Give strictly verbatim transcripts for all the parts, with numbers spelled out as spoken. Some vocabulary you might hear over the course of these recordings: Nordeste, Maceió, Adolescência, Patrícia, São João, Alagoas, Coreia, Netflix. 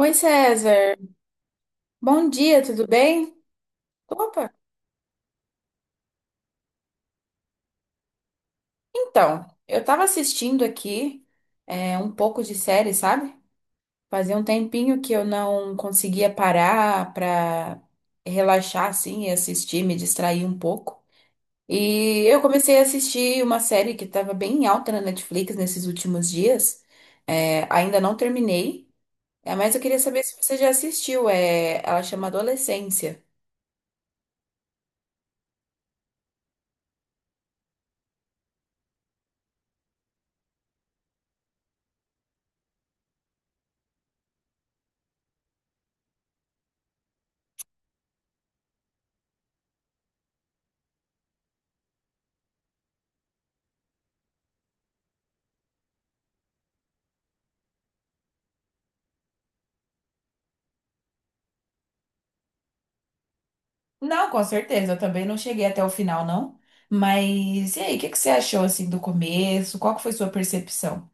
Oi, César. Bom dia, tudo bem? Opa! Então, eu tava assistindo aqui é, um pouco de série, sabe? Fazia um tempinho que eu não conseguia parar pra relaxar assim e assistir, me distrair um pouco. E eu comecei a assistir uma série que tava bem em alta na Netflix nesses últimos dias. É, ainda não terminei, é, mas eu queria saber se você já assistiu. É, ela chama Adolescência. Não, com certeza. Eu também não cheguei até o final, não. Mas e aí, o que que você achou assim do começo? Qual que foi sua percepção?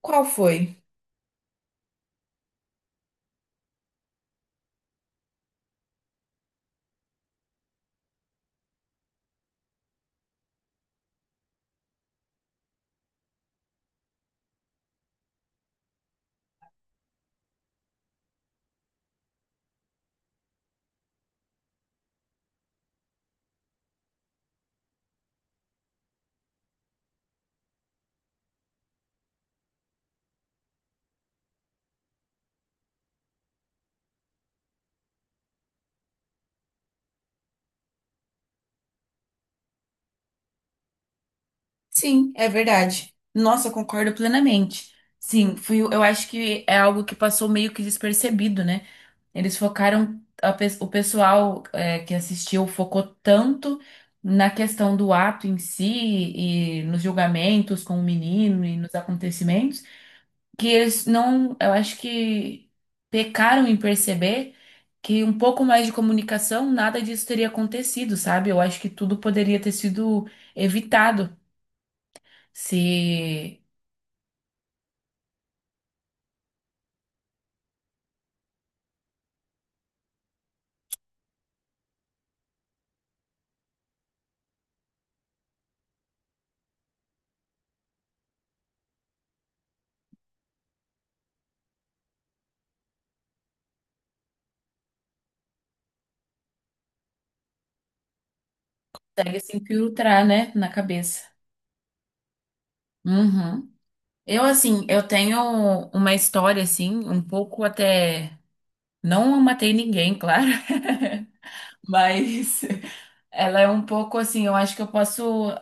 Qual foi? Sim, é verdade. Nossa, eu concordo plenamente. Sim, fui, eu acho que é algo que passou meio que despercebido, né? Eles focaram, a pe- o pessoal é, que assistiu focou tanto na questão do ato em si e nos julgamentos com o menino e nos acontecimentos, que eles não, eu acho que pecaram em perceber que um pouco mais de comunicação, nada disso teria acontecido, sabe? Eu acho que tudo poderia ter sido evitado se consegue se infiltrar, né, na cabeça. Uhum. Eu, assim, eu tenho uma história, assim, um pouco até. Não matei ninguém, claro, mas ela é um pouco assim. Eu acho que eu posso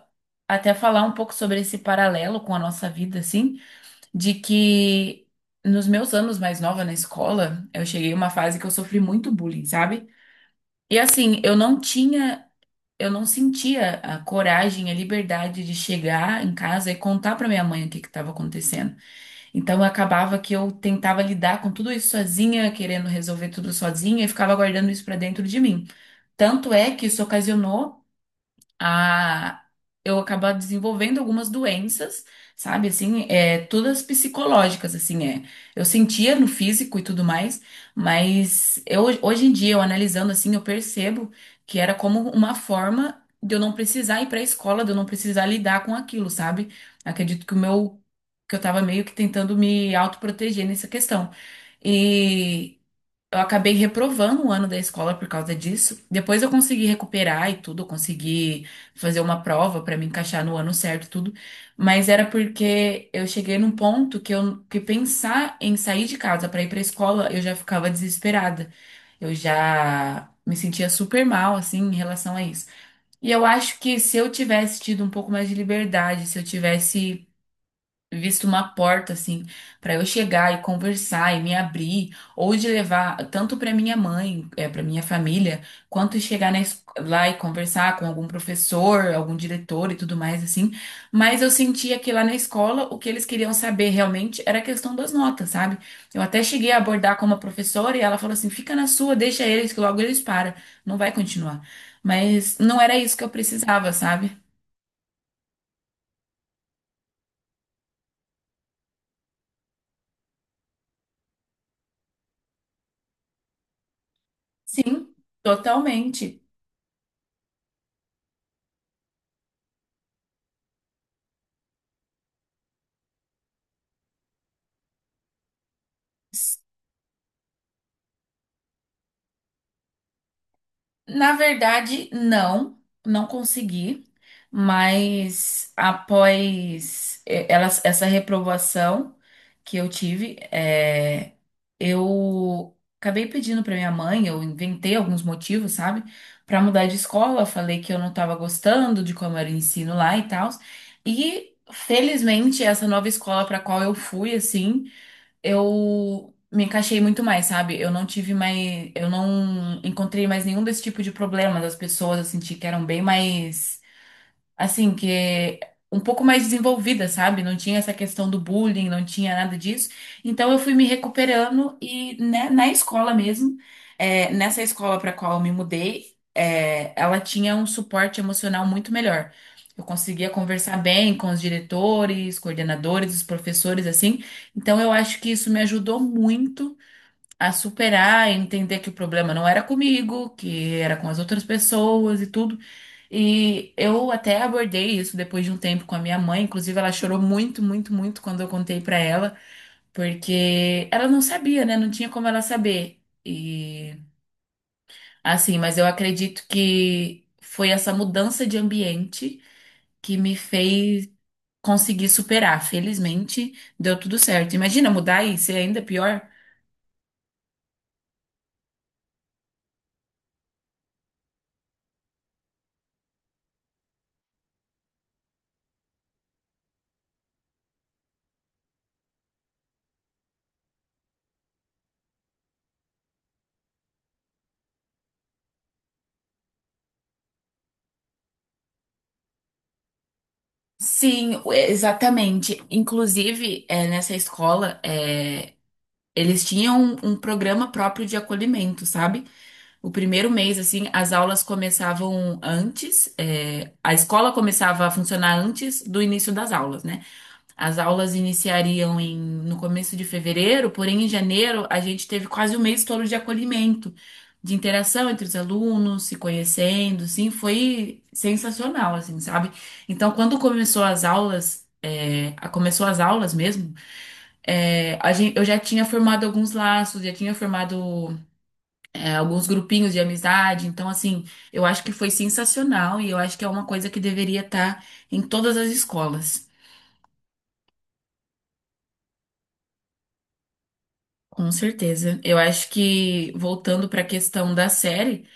até falar um pouco sobre esse paralelo com a nossa vida, assim, de que nos meus anos mais nova na escola, eu cheguei a uma fase que eu sofri muito bullying, sabe? E assim, eu não tinha, eu não sentia a coragem, a liberdade de chegar em casa e contar pra minha mãe o que que estava acontecendo. Então, eu acabava que eu tentava lidar com tudo isso sozinha, querendo resolver tudo sozinha e ficava guardando isso pra dentro de mim. Tanto é que isso ocasionou a eu acabar desenvolvendo algumas doenças, sabe? Assim, é, todas psicológicas, assim, é. Eu sentia no físico e tudo mais, mas eu, hoje em dia, eu analisando assim, eu percebo que era como uma forma de eu não precisar ir para a escola, de eu não precisar lidar com aquilo, sabe? Acredito que o meu, que eu tava meio que tentando me autoproteger nessa questão. Eu acabei reprovando o ano da escola por causa disso. Depois eu consegui recuperar e tudo, eu consegui fazer uma prova pra me encaixar no ano certo e tudo. Mas era porque eu cheguei num ponto que eu que pensar em sair de casa pra ir pra escola, eu já ficava desesperada. Eu já me sentia super mal assim em relação a isso. E eu acho que se eu tivesse tido um pouco mais de liberdade, se eu tivesse visto uma porta assim para eu chegar e conversar e me abrir, ou de levar tanto para minha mãe, é, para minha família, quanto chegar na es- lá e conversar com algum professor, algum diretor e tudo mais assim. Mas eu sentia que lá na escola o que eles queriam saber realmente era a questão das notas, sabe? Eu até cheguei a abordar com uma professora e ela falou assim: "Fica na sua, deixa eles que logo eles param, não vai continuar". Mas não era isso que eu precisava, sabe? Sim, totalmente. Na verdade, não, não consegui, mas após eh, ela- essa reprovação que eu tive, eh, eu acabei pedindo para minha mãe, eu inventei alguns motivos, sabe, para mudar de escola, falei que eu não estava gostando de como era o ensino lá e tal, e felizmente essa nova escola para qual eu fui, assim eu me encaixei muito mais, sabe? Eu não tive mais, eu não encontrei mais nenhum desse tipo de problema das pessoas, eu senti que eram bem mais assim, que é um pouco mais desenvolvida, sabe? Não tinha essa questão do bullying, não tinha nada disso. Então eu fui me recuperando e né, na escola mesmo, é, nessa escola para qual eu me mudei, é, ela tinha um suporte emocional muito melhor. Eu conseguia conversar bem com os diretores, coordenadores, os professores, assim. Então eu acho que isso me ajudou muito a superar, entender que o problema não era comigo, que era com as outras pessoas e tudo. E eu até abordei isso depois de um tempo com a minha mãe, inclusive ela chorou muito, muito, muito quando eu contei pra ela, porque ela não sabia, né? Não tinha como ela saber. E assim, mas eu acredito que foi essa mudança de ambiente que me fez conseguir superar. Felizmente, deu tudo certo. Imagina mudar e ser ainda pior. Sim, o- é, exatamente. Inclusive, é, nessa escola, é, eles tinham um, um programa próprio de acolhimento, sabe? O primeiro mês, assim, as aulas começavam antes, é, a escola começava a funcionar antes do início das aulas, né? As aulas iniciariam em, no começo de fevereiro, porém em janeiro a gente teve quase um mês todo de acolhimento, de interação entre os alunos, se conhecendo, sim, foi sensacional, assim, sabe? Então, quando começou as aulas, é, a- começou as aulas mesmo, é, a gente, eu já tinha formado alguns laços, já tinha formado, é, alguns grupinhos de amizade, então, assim, eu acho que foi sensacional e eu acho que é uma coisa que deveria estar em todas as escolas. Com certeza. Eu acho que, voltando para a questão da série,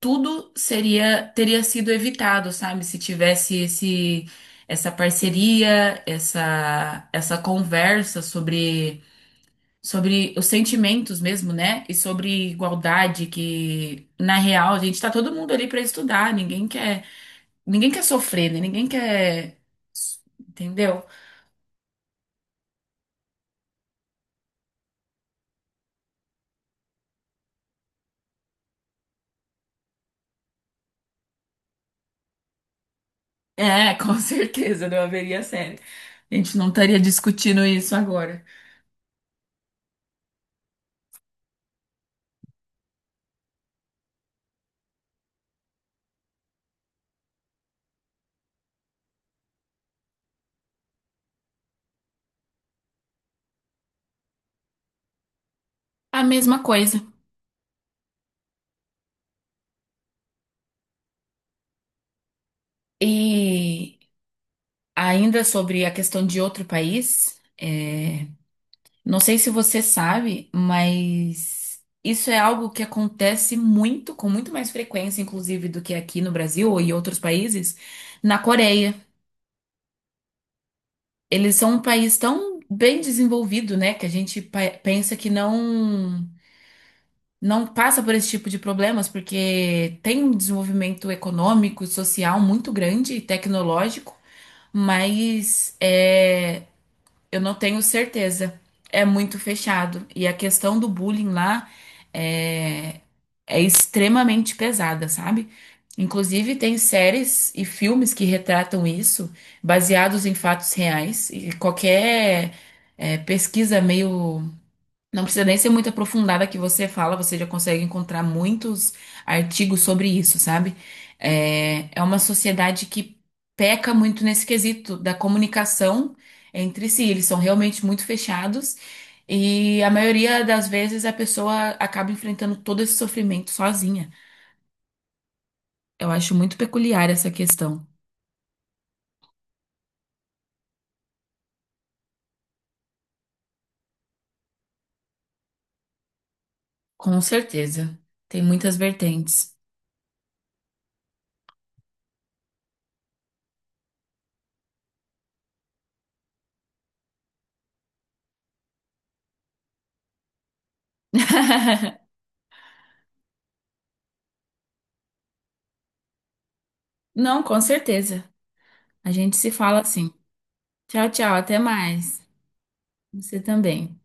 tudo seria teria sido evitado, sabe? Se tivesse esse, essa parceria, essa, essa conversa sobre, sobre os sentimentos mesmo, né? E sobre igualdade, que na real a gente está todo mundo ali para estudar, ninguém quer, ninguém quer sofrer, né? Ninguém quer. Entendeu? É, com certeza, não haveria série. A gente não estaria discutindo isso agora. A mesma coisa. E ainda sobre a questão de outro país, é, não sei se você sabe, mas isso é algo que acontece muito, com muito mais frequência, inclusive, do que aqui no Brasil ou em outros países, na Coreia. Eles são um país tão bem desenvolvido, né, que a gente pa- pensa que não. Não passa por esse tipo de problemas, porque tem um desenvolvimento econômico, e social muito grande e tecnológico. Mas é, eu não tenho certeza. É muito fechado. E a questão do bullying lá é, é extremamente pesada, sabe? Inclusive, tem séries e filmes que retratam isso, baseados em fatos reais. E qualquer é, pesquisa meio, não precisa nem ser muito aprofundada que você fala, você já consegue encontrar muitos artigos sobre isso, sabe? É, é uma sociedade que peca muito nesse quesito da comunicação entre si. Eles são realmente muito fechados e a maioria das vezes a pessoa acaba enfrentando todo esse sofrimento sozinha. Eu acho muito peculiar essa questão. Com certeza. Tem muitas vertentes. Não, com certeza. A gente se fala assim. Tchau, tchau. Até mais. Você também.